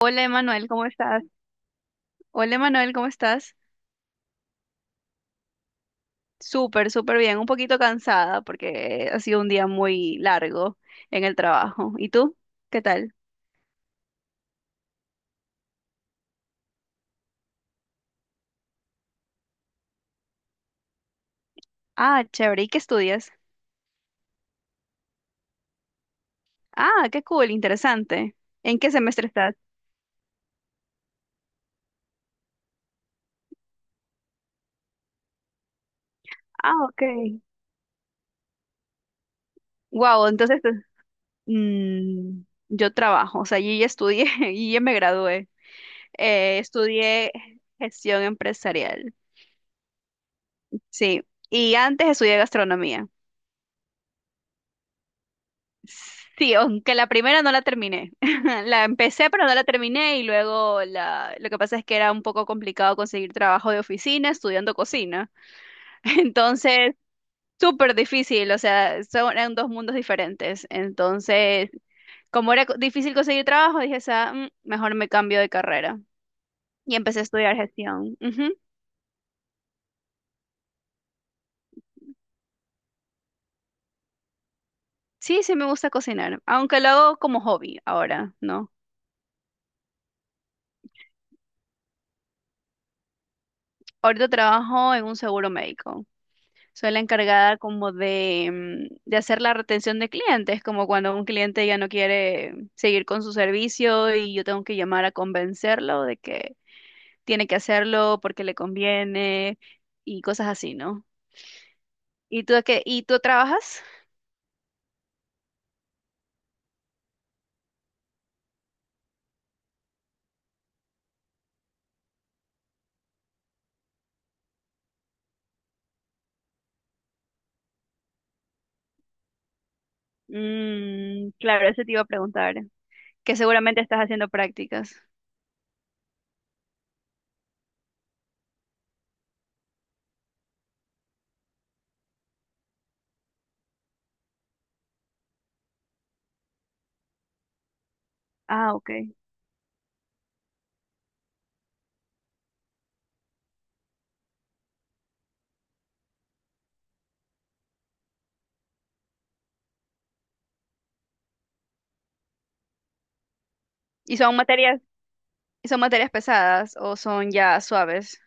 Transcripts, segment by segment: Hola Emanuel, ¿cómo estás? Hola Emanuel, ¿cómo estás? Súper, súper bien, un poquito cansada porque ha sido un día muy largo en el trabajo. ¿Y tú? ¿Qué tal? Ah, chévere, ¿y qué estudias? Ah, qué cool, interesante. ¿En qué semestre estás? Ah, ok. Wow, entonces mm, yo trabajo, o sea, yo ya estudié y ya me gradué. Estudié gestión empresarial. Sí, y antes estudié gastronomía. Sí, aunque la primera no la terminé. La empecé, pero no la terminé y lo que pasa es que era un poco complicado conseguir trabajo de oficina estudiando cocina. Entonces, súper difícil, o sea, eran dos mundos diferentes. Entonces, como era difícil conseguir trabajo, dije, Mejor me cambio de carrera. Y empecé a estudiar gestión. Ujú. Sí, sí me gusta cocinar, aunque lo hago como hobby ahora, ¿no? Ahorita trabajo en un seguro médico. Soy la encargada como de hacer la retención de clientes, como cuando un cliente ya no quiere seguir con su servicio y yo tengo que llamar a convencerlo de que tiene que hacerlo porque le conviene y cosas así, ¿no? ¿Y tú, y tú trabajas? Mm, claro, eso te iba a preguntar, que seguramente estás haciendo prácticas. Ah, ok. ¿Y son materias, ¿Y son materias pesadas o son ya suaves?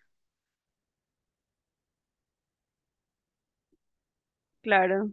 Claro.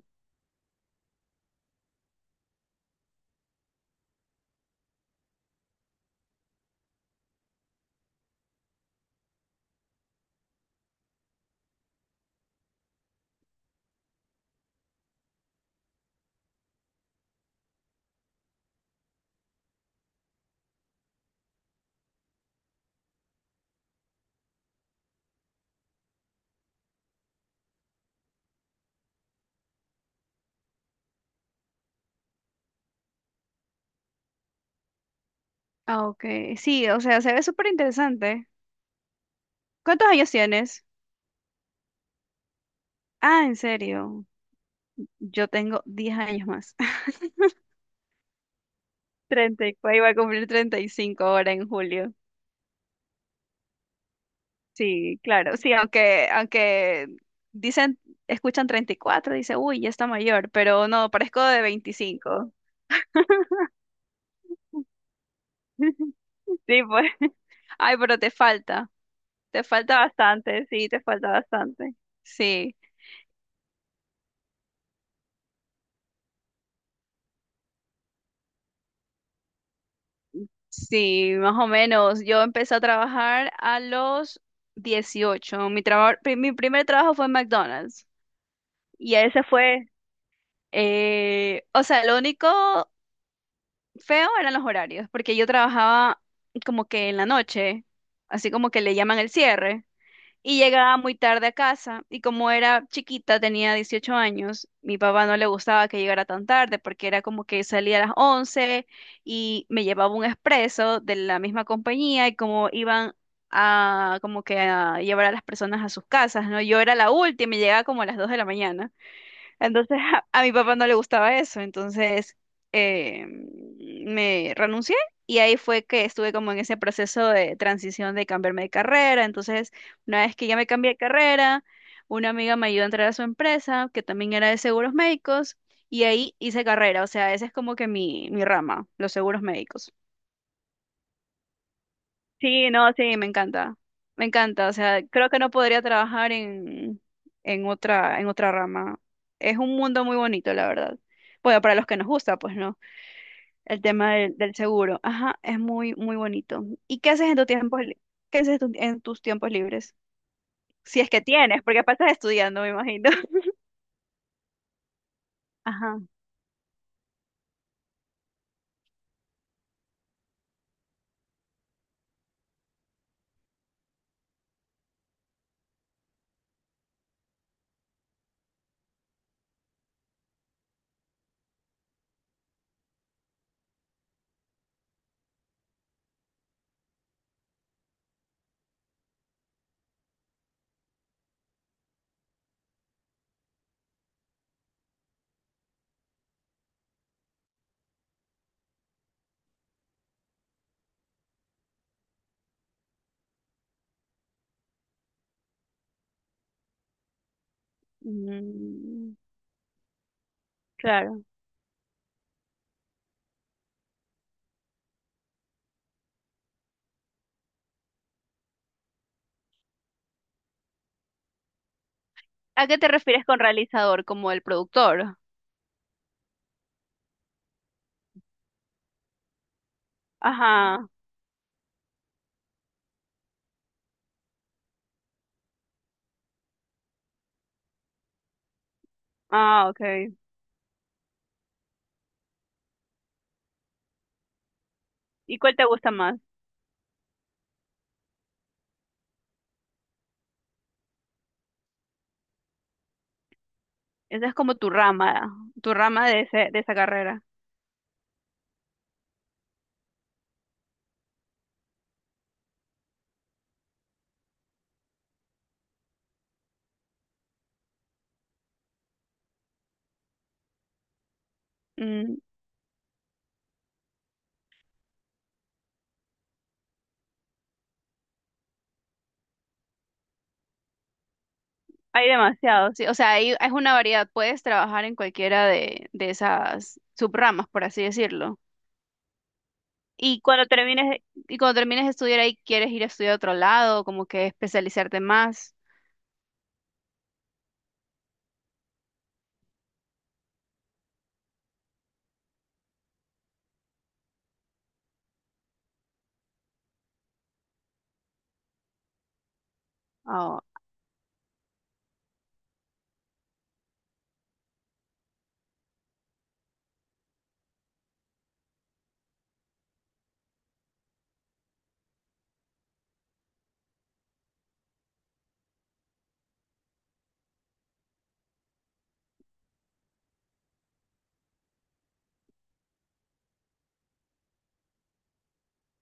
Ah, ok. Sí, o sea, se ve súper interesante. ¿Cuántos años tienes? Ah, en serio. Yo tengo 10 años más. 34 iba a cumplir 35 ahora en julio. Sí, claro. Sí, aunque dicen, escuchan 34, dice, uy, ya está mayor, pero no, parezco de 25. Sí, pues. Ay, pero te falta. Te falta bastante, sí, te falta bastante. Sí, sí, más o menos. Yo empecé a trabajar a los 18. Mi primer trabajo fue en McDonald's. Y ese fue. O sea, lo único feo eran los horarios, porque yo trabajaba como que en la noche, así como que le llaman el cierre, y llegaba muy tarde a casa, y como era chiquita, tenía 18 años, mi papá no le gustaba que llegara tan tarde, porque era como que salía a las 11 y me llevaba un expreso de la misma compañía, y como iban a como que a llevar a las personas a sus casas, ¿no? Yo era la última y llegaba como a las 2 de la mañana. Entonces a mi papá no le gustaba eso, entonces eh, me renuncié y ahí fue que estuve como en ese proceso de transición de cambiarme de carrera. Entonces, una vez que ya me cambié de carrera, una amiga me ayudó a entrar a su empresa, que también era de seguros médicos, y ahí hice carrera, o sea, esa es como que mi rama, los seguros médicos. Sí, no, sí, me encanta. Me encanta. O sea, creo que no podría trabajar en en otra rama. Es un mundo muy bonito, la verdad. Bueno, para los que nos gusta, pues no. Del seguro. Ajá, es muy, muy bonito. ¿Y qué haces en tu qué haces en tus tiempos libres? Si es que tienes, porque aparte estás estudiando, me imagino. Ajá. Mm, claro. ¿A qué te refieres con realizador? ¿Como el productor? Ajá. Ah, ok. ¿Y cuál te gusta más? Esa es como tu rama, de esa carrera. Mm, hay demasiados, sí. O sea, hay, es una variedad. Puedes trabajar en cualquiera de esas subramas, por así decirlo. Y cuando termines, y cuando termines de estudiar ahí, ¿quieres ir a estudiar a otro lado? Como que especializarte más, ah,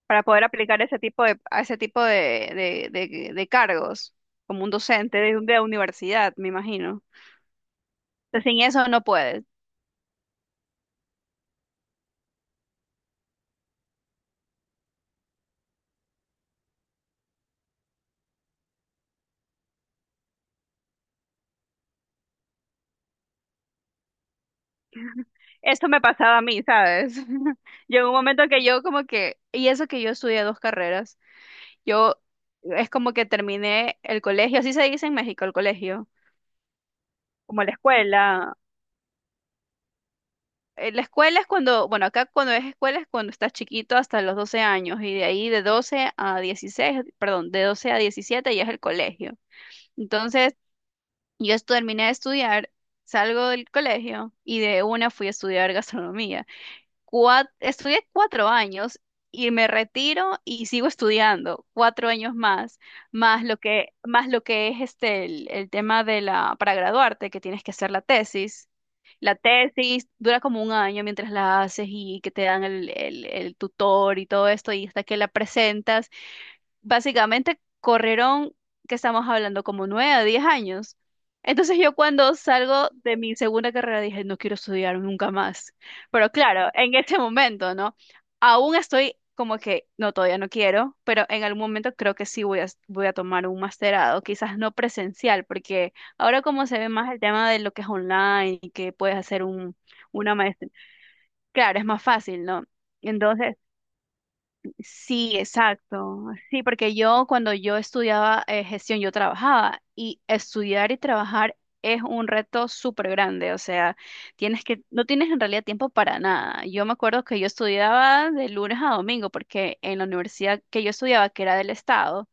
para poder aplicar a ese tipo de cargos, como un docente de universidad, me imagino. Entonces, sin eso no puedes. Eso me pasaba a mí, ¿sabes? Llegó un momento que yo como que, y eso que yo estudié dos carreras, yo es como que terminé el colegio, así se dice en México, el colegio, como la escuela. La escuela es cuando, bueno, acá cuando es escuela es cuando estás chiquito hasta los 12 años y de ahí de 12 a 16, perdón, de 12 a 17 ya es el colegio. Entonces, terminé de estudiar, salgo del colegio y de una fui a estudiar gastronomía. Estudié cuatro años y me retiro y sigo estudiando cuatro años más, más lo que es este el tema de la, para graduarte, que tienes que hacer la tesis. La tesis dura como un año mientras la haces y que te dan el tutor y todo esto, y hasta que la presentas básicamente corrieron, que estamos hablando, como nueve a diez años. Entonces yo cuando salgo de mi segunda carrera dije, no quiero estudiar nunca más. Pero claro, en este momento, ¿no? Aún estoy como que, no, todavía no quiero, pero en algún momento creo que sí voy a tomar un masterado, quizás no presencial, porque ahora como se ve más el tema de lo que es online y que puedes hacer una maestría, claro, es más fácil, ¿no? Entonces, sí, exacto. Sí, porque yo cuando yo estudiaba gestión, yo trabajaba y estudiar y trabajar es un reto súper grande. O sea, tienes que, no tienes en realidad tiempo para nada. Yo me acuerdo que yo estudiaba de lunes a domingo porque en la universidad que yo estudiaba, que era del estado,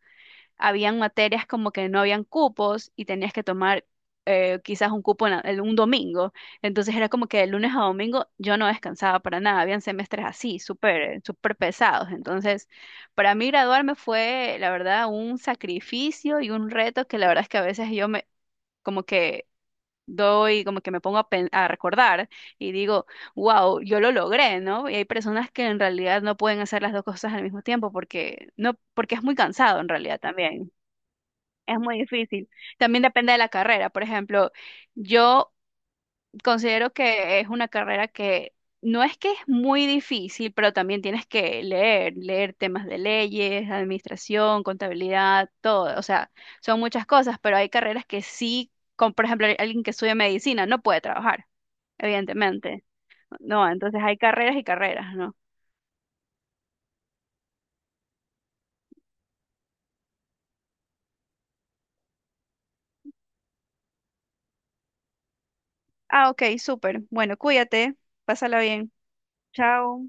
habían materias como que no habían cupos y tenías que tomar quizás un cupo en un domingo. Entonces era como que de lunes a domingo yo no descansaba para nada. Habían semestres así, súper, súper pesados. Entonces, para mí graduarme fue, la verdad, un sacrificio y un reto que la verdad es que a veces yo me, como que doy, como que me pongo a recordar y digo, wow, yo lo logré, ¿no? Y hay personas que en realidad no pueden hacer las dos cosas al mismo tiempo porque no, porque es muy cansado en realidad también. Es muy difícil. También depende de la carrera. Por ejemplo, yo considero que es una carrera que no es que es muy difícil, pero también tienes que leer, leer temas de leyes, administración, contabilidad, todo. O sea, son muchas cosas, pero hay carreras que sí, como por ejemplo alguien que estudia medicina no puede trabajar, evidentemente. No, entonces hay carreras y carreras, ¿no? Ah, ok, súper. Bueno, cuídate, pásala bien. Chao.